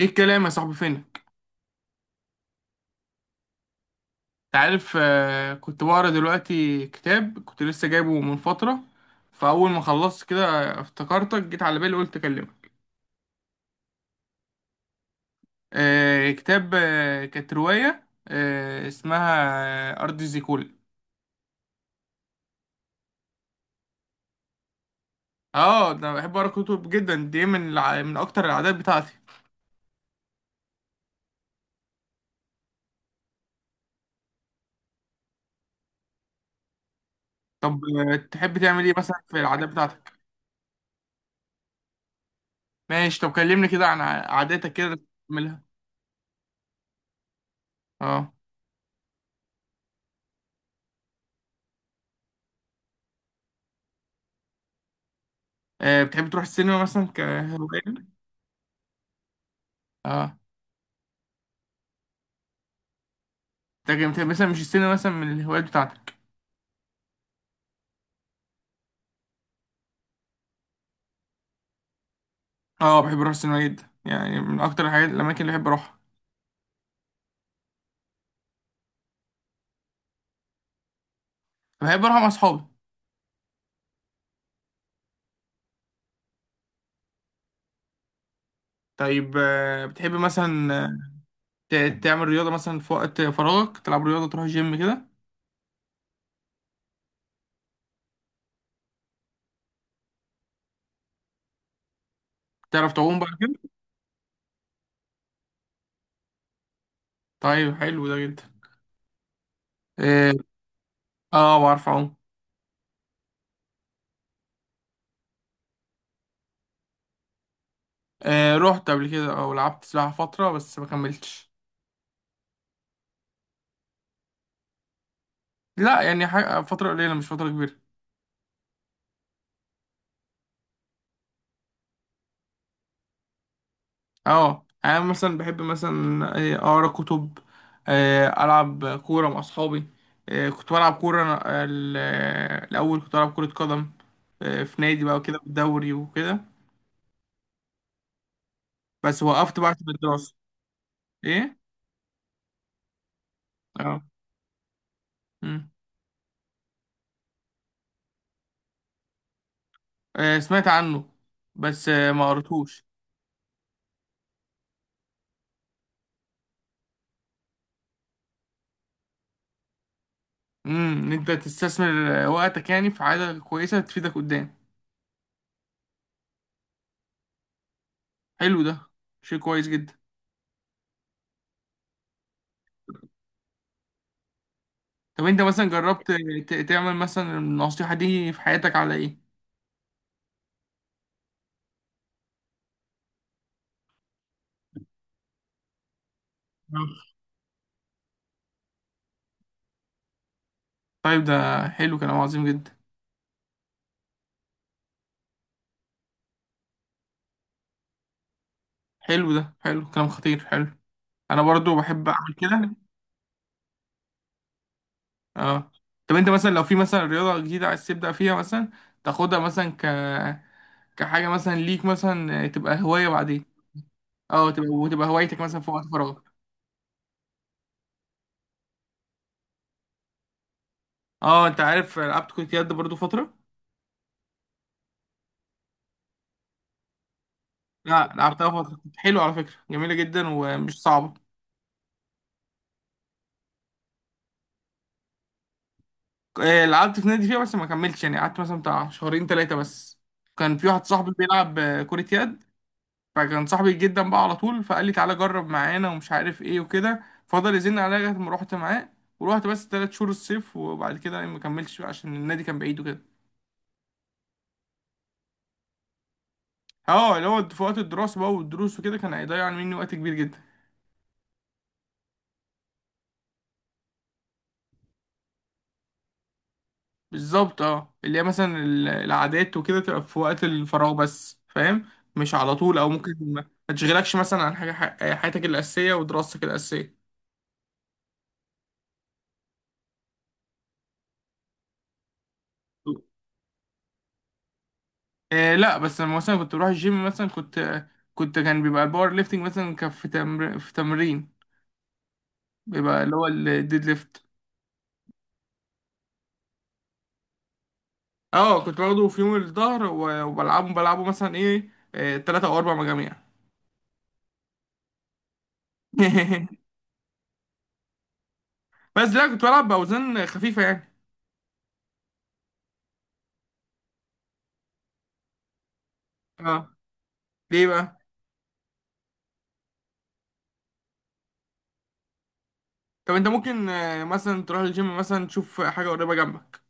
ايه الكلام يا صاحبي، فينك؟ انت عارف، كنت بقرا دلوقتي كتاب كنت لسه جايبه من فترة. فأول ما خلصت كده، افتكرتك، جيت على بالي قلت أكلمك. كتاب، كانت رواية اسمها أرض زيكولا. اه، ده أنا بحب أقرأ كتب جدا، دي من أكتر العادات بتاعتي. طب، تحب تعمل ايه مثلا في العادات بتاعتك؟ ماشي، طب كلمني كده عن عاداتك كده. تعملها؟ اه. بتحب تروح السينما مثلا كهواية؟ اه، انت جامد. يعني مثلا مش السينما مثلا من الهوايات بتاعتك؟ اه، بحب اروح السينما جدا، يعني من اكتر الحاجات، الاماكن اللي بحب اروحها. بحب اروح مع اصحابي. طيب، بتحب مثلا تعمل رياضه مثلا في وقت فراغك، تلعب رياضه، تروح جيم كده؟ تعرف تعوم بقى كده؟ طيب حلو ده جدا. اه، بعرف اعوم. آه، رحت قبل كده او لعبت سباحه فتره بس ما كملتش. لا، يعني حاجة فتره قليله، مش فتره كبيره. اه، انا مثلا بحب مثلا اقرا كتب، العب كوره مع اصحابي. كنت بلعب كوره الاول كنت بلعب كره قدم في نادي بقى وكده بالدوري وكده. بس وقفت بقى عشان الدراسه. ايه؟ اه. مم. سمعت عنه بس ما قريتوش. ان انت تستثمر وقتك يعني في حاجه كويسه تفيدك قدام. حلو ده، شيء كويس جدا. طب انت مثلا جربت تعمل مثلا النصيحه دي في حياتك على ايه؟ طيب ده حلو، كلام عظيم جدا. حلو ده، حلو، كلام خطير، حلو. انا برضو بحب اعمل كده. اه. طب انت مثلا لو في مثلا رياضة جديدة عايز تبدأ فيها مثلا، تاخدها مثلا كحاجة مثلا ليك مثلا، تبقى هواية بعدين. اه، تبقى هوايتك مثلا في وقت فراغك. اه، انت عارف، لعبت كرة يد برضو فترة. لا، لعبتها فترة، كنت حلو على فكرة، جميلة جدا ومش صعبة. لعبت في نادي فيها بس ما كملتش، يعني قعدت مثلا بتاع شهرين ثلاثة بس. كان في واحد صاحبي بيلعب كرة يد، فكان صاحبي جدا بقى على طول، فقال لي تعالى جرب معانا ومش عارف ايه وكده، فضل يزن عليا لغايه ما رحت معاه. ورحت بس 3 شهور الصيف، وبعد كده ما كملتش بقى عشان النادي كان بعيد وكده. اه، اللي هو في وقت الدراسه بقى والدروس وكده، كان هيضيع مني وقت كبير جدا. بالظبط. اه، اللي هي مثلا العادات وكده تبقى في وقت الفراغ بس، فاهم؟ مش على طول، او ممكن ما تشغلكش مثلا عن حاجه، حياتك الاساسيه ودراستك الاساسيه. آه، لا، بس لما مثلا كنت بروح الجيم مثلا، كنت كان بيبقى الباور ليفتنج مثلا، كان في تمرين بيبقى اللي هو الديد ليفت. اه، كنت باخده في يوم الظهر، وبلعبه مثلا ايه، 3 أو 4 مجاميع بس لا، كنت بلعب باوزان خفيفة يعني. اه، ليه بقى؟ طب انت ممكن، مثلا تروح الجيم مثلا تشوف حاجة قريبة جنبك.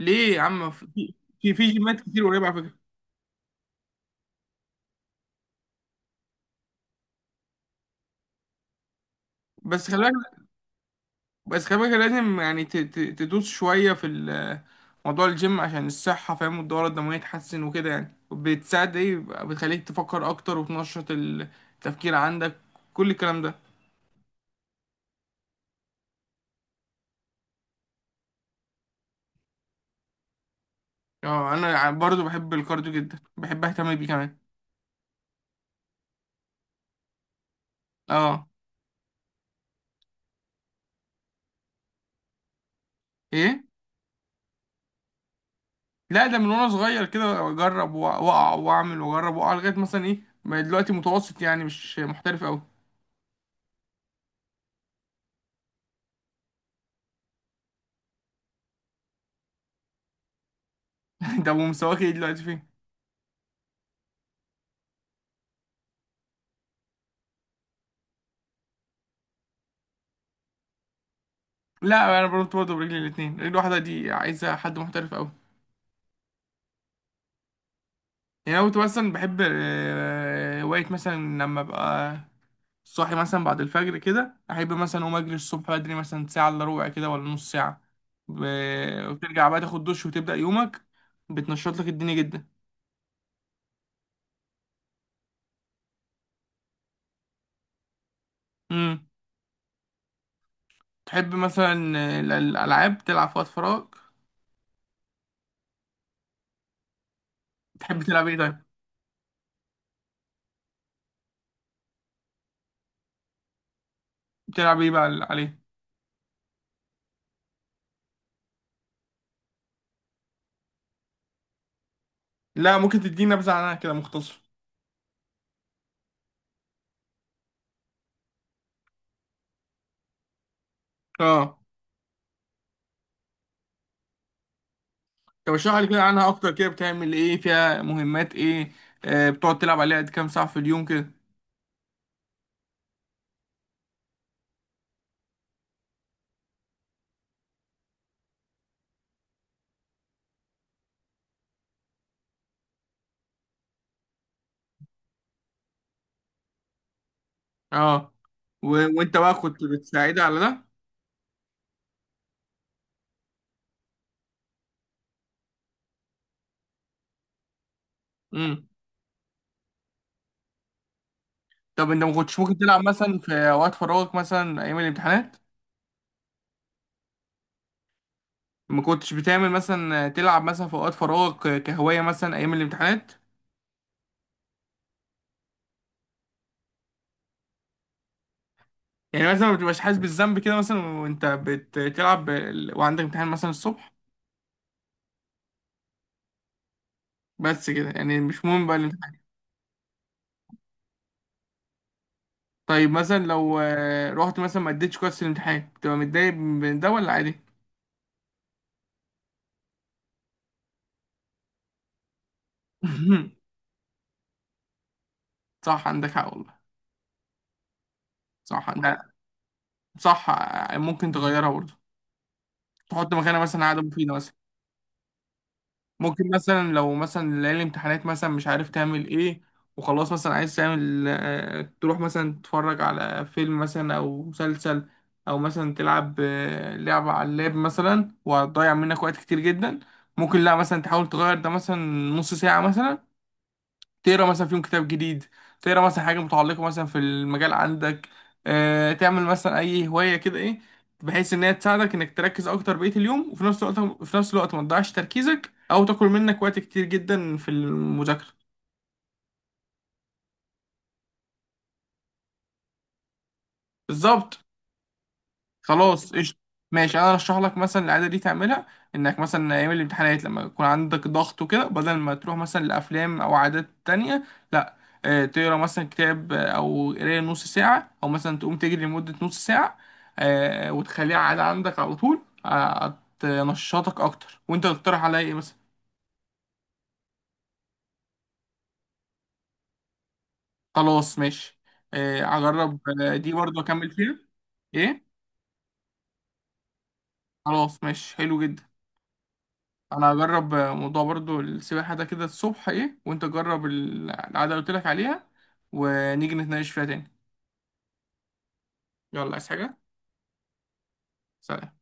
ليه يا عم، في في جيمات كتير قريبة على فكرة. بس خلي بالك، بس كمان كان لازم يعني تدوس شوية موضوع الجيم عشان الصحة، فاهم، والدورة الدموية تحسن وكده، يعني، وبتساعد ايه، بتخليك تفكر أكتر وتنشط التفكير عندك، كل الكلام ده. اه، أنا برضو بحب الكارديو جدا، بحب أهتم بيه كمان. اه. ايه؟ لا، ده من وأنا صغير كده، أجرب وأقع وأعمل، وأجرب وأقع، لغاية مثلا ايه، بقيت دلوقتي متوسط، يعني مش محترف أوي. ده مستواك ايه دلوقتي، فين؟ لا، أنا برضو برجلي الاتنين، رجل واحدة دي عايزة حد محترف أوي. يعني أنا كنت مثلا بحب، هواية مثلا لما أبقى صاحي مثلا بعد الفجر كده، أحب مثلا أقوم أجري الصبح بدري، مثلا ساعة إلا ربع كده ولا نص ساعة، وترجع بقى تاخد دش وتبدأ يومك، بتنشط لك الدنيا جدا. امم تحب مثلا الألعاب تلعب في وقت فراغ؟ تحب تلعب إيه طيب؟ بتلعب إيه بقى عليه؟ لا، ممكن تديني نبذة عنها كده مختصر. اه. طب اشرح لي كده عنها أكتر، كده بتعمل إيه فيها، مهمات إيه؟ بتقعد تلعب عليها قد كام ساعة في اليوم كده؟ اه. وانت بقى كنت بتساعدها على ده؟ امم طب انت ما كنتش ممكن تلعب مثلا في اوقات فراغك مثلا ايام الامتحانات؟ ما كنتش بتعمل مثلا تلعب مثلا في اوقات فراغك كهواية، مثلا ايام الامتحانات؟ يعني مثلا ما بتبقاش حاسس بالذنب كده مثلا وانت بتلعب وعندك امتحان مثلا الصبح؟ بس كده يعني مش مهم بقى الامتحان؟ طيب مثلا لو، رحت مثلا ما اديتش كويس في الامتحان، بتبقى متضايق من ده ولا عادي؟ صح، عندك حق والله. صح ده. صح. ممكن تغيرها برضه، تحط مكانها مثلا عادة مفيدة مثلا. ممكن مثلا لو مثلا ليالي الامتحانات مثلا مش عارف تعمل ايه، وخلاص مثلا عايز تعمل تروح مثلا تتفرج على فيلم مثلا او مسلسل، او مثلا تلعب لعبة على اللاب مثلا، وهتضيع منك وقت كتير جدا. ممكن لا مثلا تحاول تغير ده مثلا، نص ساعة مثلا تقرا مثلا فيهم كتاب جديد، تقرا مثلا حاجه متعلقه مثلا في المجال عندك، تعمل مثلا اي هوايه كده ايه، بحيث ان هي تساعدك انك تركز اكتر بقيه اليوم، وفي نفس الوقت ما تضيعش تركيزك او تاكل منك وقت كتير جدا في المذاكره. بالظبط. خلاص، قشطة. ماشي، انا ارشح لك مثلا العاده دي تعملها، انك مثلا ايام الامتحانات لما يكون عندك ضغط وكده، بدل ما تروح مثلا لافلام او عادات تانية، لا، تقرا مثلا كتاب، او قرايه نص ساعه، او مثلا تقوم تجري لمده نص ساعه، وتخليها عاده عندك على طول، هتنشطك اكتر. وانت تقترح عليا ايه مثلا؟ خلاص ماشي، هجرب، دي برضه اكمل فيها. ايه؟ خلاص ماشي، حلو جدا. انا هجرب موضوع برضو السباحة ده كده الصبح ايه، وانت جرب العادة اللي قلت لك عليها، ونيجي نتناقش فيها تاني. يلا، عايز حاجة؟ سلام.